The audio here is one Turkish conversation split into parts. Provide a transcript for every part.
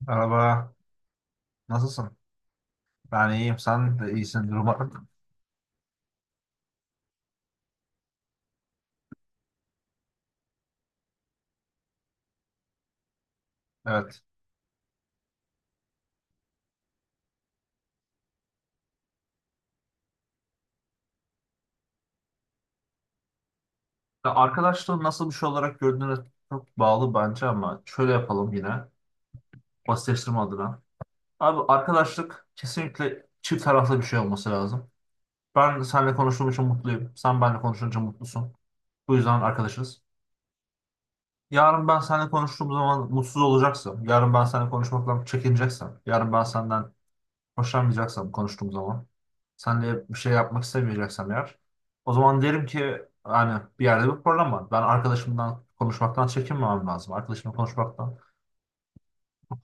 Merhaba, nasılsın? Ben iyiyim, sen de iyisindir umarım. Evet. Ya Arkadaşlığı nasıl bir şey olarak gördüğüne çok bağlı bence ama şöyle yapalım yine, basitleştirme adına. Abi arkadaşlık kesinlikle çift taraflı bir şey olması lazım. Ben seninle konuştuğum için mutluyum, sen benimle konuşunca mutlusun. Bu yüzden arkadaşız. Yarın ben seninle konuştuğum zaman mutsuz olacaksın. Yarın ben seninle konuşmaktan çekineceksin. Yarın ben senden hoşlanmayacaksam konuştuğum zaman, sen de bir şey yapmak istemeyeceksem eğer, o zaman derim ki hani bir yerde bir problem var. Ben arkadaşımdan konuşmaktan çekinmemem lazım. Arkadaşımla konuşmaktan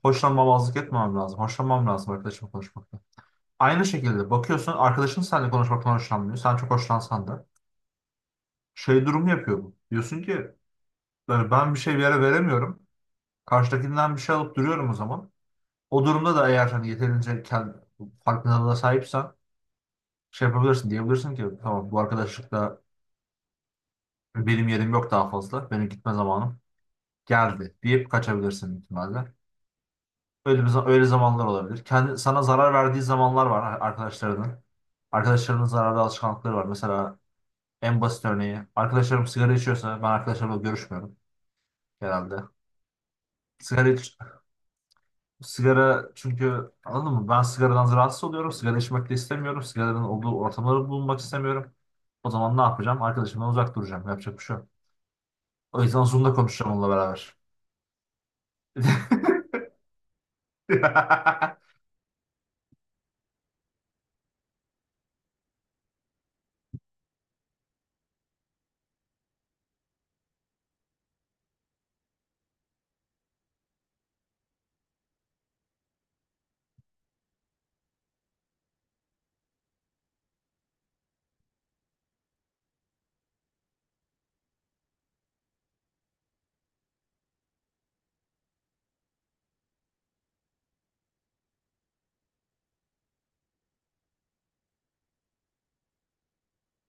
hoşlanmamazlık etmemem lazım. Hoşlanmam lazım arkadaşımla konuşmaktan. Aynı şekilde bakıyorsun arkadaşın seninle konuşmaktan hoşlanmıyor. Sen çok hoşlansan da şey durumu yapıyor bu. Diyorsun ki yani ben bir şey bir yere veremiyorum. Karşıdakinden bir şey alıp duruyorum o zaman. O durumda da eğer hani yeterince kendi farkındalığına sahipsen şey yapabilirsin diyebilirsin ki tamam bu arkadaşlıkta benim yerim yok daha fazla. Benim gitme zamanım geldi deyip kaçabilirsin büyük ihtimalle. Öyle zamanlar olabilir. Kendi, sana zarar verdiği zamanlar var arkadaşlarının. Arkadaşlarının zararlı alışkanlıkları var. Mesela en basit örneği arkadaşlarım sigara içiyorsa ben arkadaşlarımla görüşmüyorum genelde. Sigara iç- sigara çünkü anladın mı? Ben sigaradan rahatsız oluyorum. Sigara içmek de istemiyorum. Sigaranın olduğu ortamları bulunmak istemiyorum. O zaman ne yapacağım? Arkadaşımdan uzak duracağım. Yapacak bir şey yok. O yüzden Zoom'da konuşacağım onunla beraber.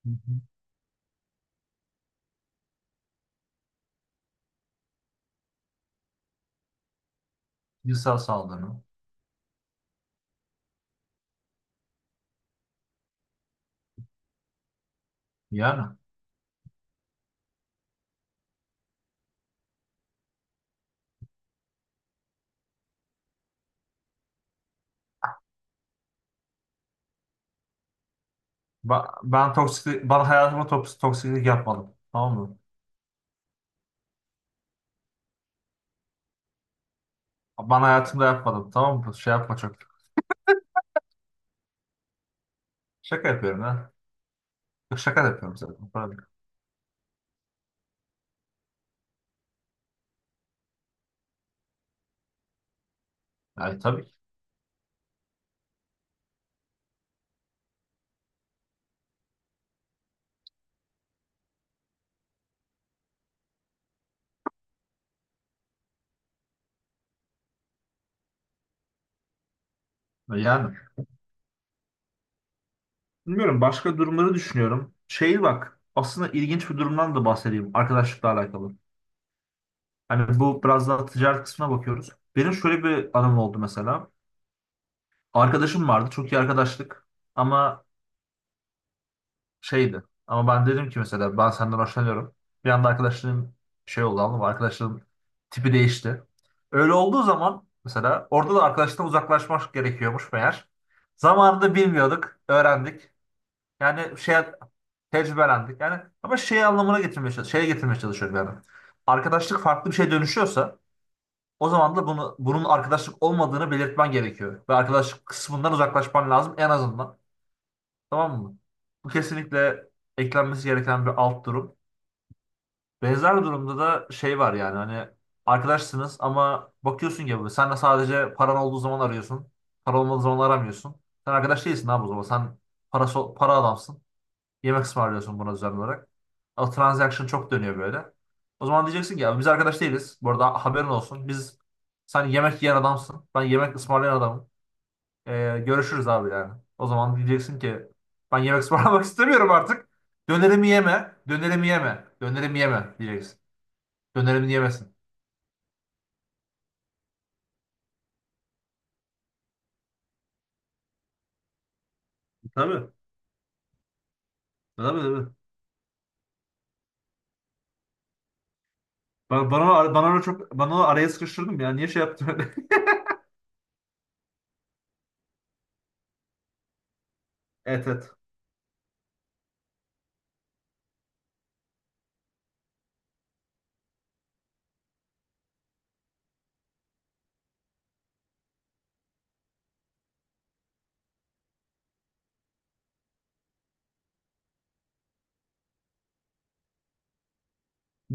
Cinsel saldırı. Yani. Ben toksik, bana hayatıma toksiklik yapmadım. Tamam mı? Ben hayatımda yapmadım. Tamam mı? Şey yapma çok. Şaka yapıyorum ha. Yok şaka da yapıyorum zaten. Tabii. Yani tabii. Yani. Bilmiyorum. Başka durumları düşünüyorum. Şey bak. Aslında ilginç bir durumdan da bahsedeyim. Arkadaşlıkla alakalı. Hani bu biraz daha ticaret kısmına bakıyoruz. Benim şöyle bir anım oldu mesela. Arkadaşım vardı. Çok iyi arkadaşlık. Ama şeydi. Ama ben dedim ki mesela ben senden hoşlanıyorum. Bir anda arkadaşlığın şey oldu anladın mı? Arkadaşlığın tipi değişti. Öyle olduğu zaman mesela orada da arkadaşlıktan uzaklaşmak gerekiyormuş meğer. Zamanında bilmiyorduk, öğrendik. Yani şey tecrübelendik. Yani ama şey anlamına getirmeye çalış şeye getirmeye çalışıyorum yani. Arkadaşlık farklı bir şeye dönüşüyorsa o zaman da bunun arkadaşlık olmadığını belirtmen gerekiyor. Ve arkadaşlık kısmından uzaklaşman lazım en azından. Tamam mı? Bu kesinlikle eklenmesi gereken bir alt durum. Benzer durumda da şey var yani hani arkadaşsınız ama bakıyorsun ki böyle sen de sadece paran olduğu zaman arıyorsun. Para olmadığı zaman aramıyorsun. Sen arkadaş değilsin abi o zaman. Sen para adamsın. Yemek ısmarlıyorsun buna düzenli olarak. O transaction çok dönüyor böyle. O zaman diyeceksin ki ya biz arkadaş değiliz. Bu arada haberin olsun. Biz sen yemek yiyen adamsın. Ben yemek ısmarlayan adamım. Görüşürüz abi yani. O zaman diyeceksin ki ben yemek ısmarlamak istemiyorum artık. Dönerimi yeme, dönerimi yeme, dönerimi yeme diyeceksin. Dönerimi yemesin. Tabii. Tabii tabii. Bana, bana, bana öyle çok bana onu araya sıkıştırdım ya. Niye şey yaptın öyle? Evet evet.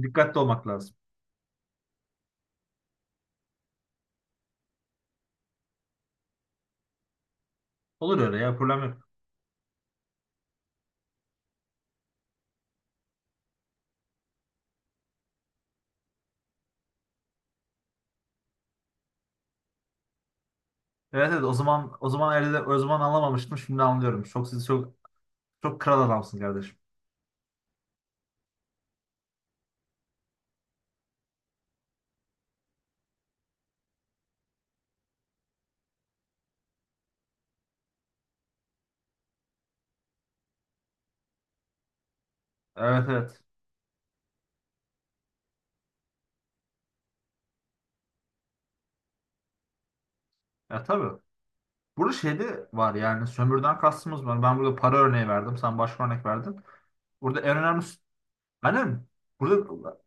Dikkatli olmak lazım. Olur öyle ya problem yok. Evet evet o zaman o zaman elde o zaman anlamamıştım şimdi anlıyorum. Çok çok kral adamsın kardeşim. Evet evet. Ya tabii. Burada şeyde var yani sömürden kastımız var. Ben burada para örneği verdim. Sen başka örnek verdin. Burada en önemlisi, aynen burada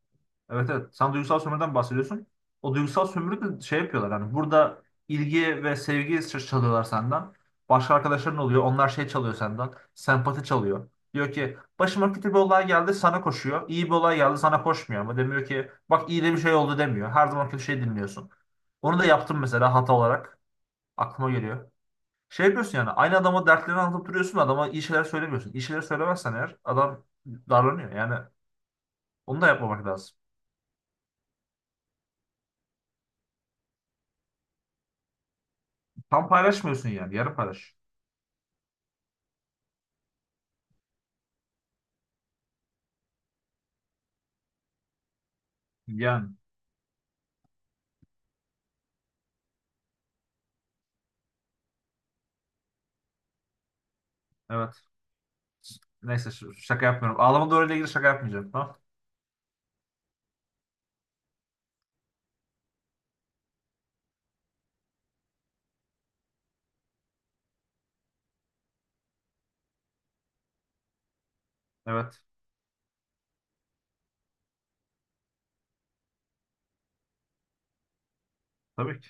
evet evet sen duygusal sömürüden bahsediyorsun. O duygusal sömürü de şey yapıyorlar hani burada ilgi ve sevgi çalıyorlar senden. Başka arkadaşların oluyor. Onlar şey çalıyor senden. Sempati çalıyor. Diyor ki başıma kötü bir olay geldi sana koşuyor. İyi bir olay geldi sana koşmuyor ama demiyor ki bak iyi de bir şey oldu demiyor. Her zaman kötü şey dinliyorsun. Onu da yaptım mesela hata olarak. Aklıma geliyor. Şey yapıyorsun yani aynı adama dertlerini anlatıp duruyorsun adama iyi şeyler söylemiyorsun. İyi şeyler söylemezsen eğer adam darlanıyor. Yani onu da yapmamak lazım. Tam paylaşmıyorsun yani. Yarım paylaş. Yani evet. Neyse şaka yapmıyorum. Ağlama doğruyla ilgili şaka yapmayacağım. Tamam. Evet. Tabii ki.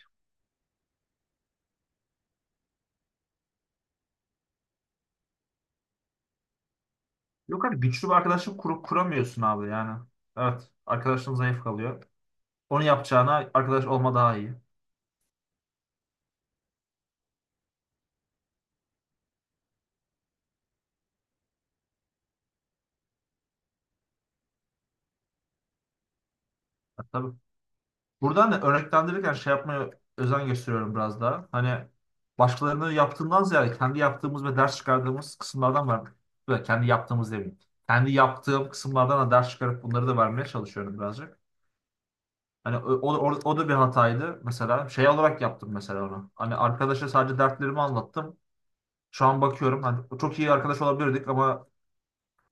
Yok abi güçlü bir arkadaşlık kurup kuramıyorsun abi yani. Evet. Arkadaşın zayıf kalıyor. Onu yapacağına arkadaş olma daha iyi. Ha, tabii. Buradan da örneklendirirken şey yapmaya özen gösteriyorum biraz daha. Hani başkalarının yaptığından ziyade kendi yaptığımız ve ders çıkardığımız kısımlardan var. Böyle kendi yaptığımız demeyeyim. Kendi yaptığım kısımlardan da ders çıkarıp bunları da vermeye çalışıyorum birazcık. Hani o da bir hataydı mesela. Şey olarak yaptım mesela onu. Hani arkadaşa sadece dertlerimi anlattım. Şu an bakıyorum hani çok iyi arkadaş olabilirdik ama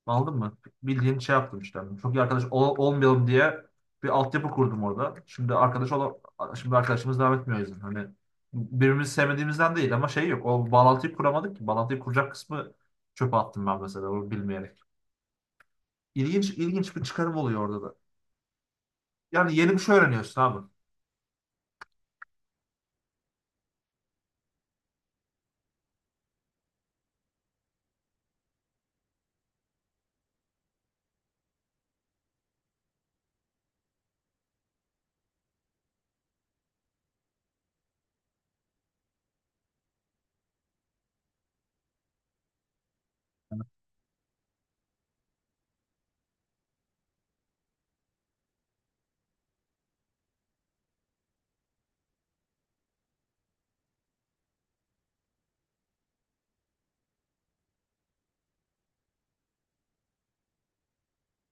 anladın mı? Bildiğin şey yaptım işte. Hani Çok iyi arkadaş olmayalım diye bir altyapı kurdum orada. Şimdi arkadaşımız devam etmiyor o yüzden. Hani birbirimizi sevmediğimizden değil ama şey yok. O bağlantıyı kuramadık ki. Bağlantıyı kuracak kısmı çöpe attım ben mesela onu bilmeyerek. İlginç bir çıkarım oluyor orada da. Yani yeni bir şey öğreniyorsun abi.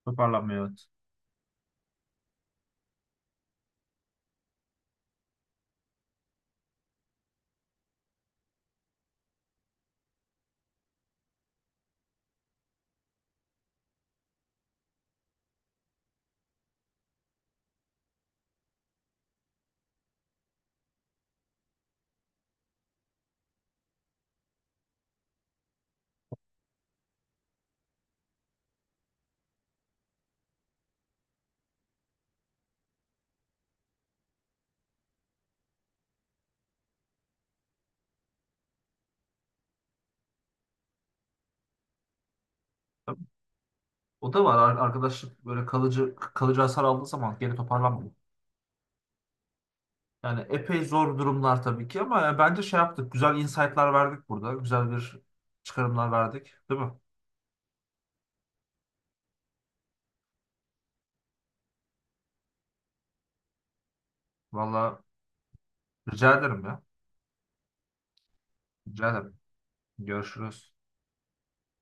Toparlanmıyor evet. O da var. Arkadaşlık böyle kalıcı hasar aldığı zaman geri toparlanmıyor. Yani epey zor durumlar tabii ki ama bence şey yaptık. Güzel insight'lar verdik burada. Güzel bir çıkarımlar verdik. Değil mi? Valla rica ederim ya. Rica ederim. Görüşürüz.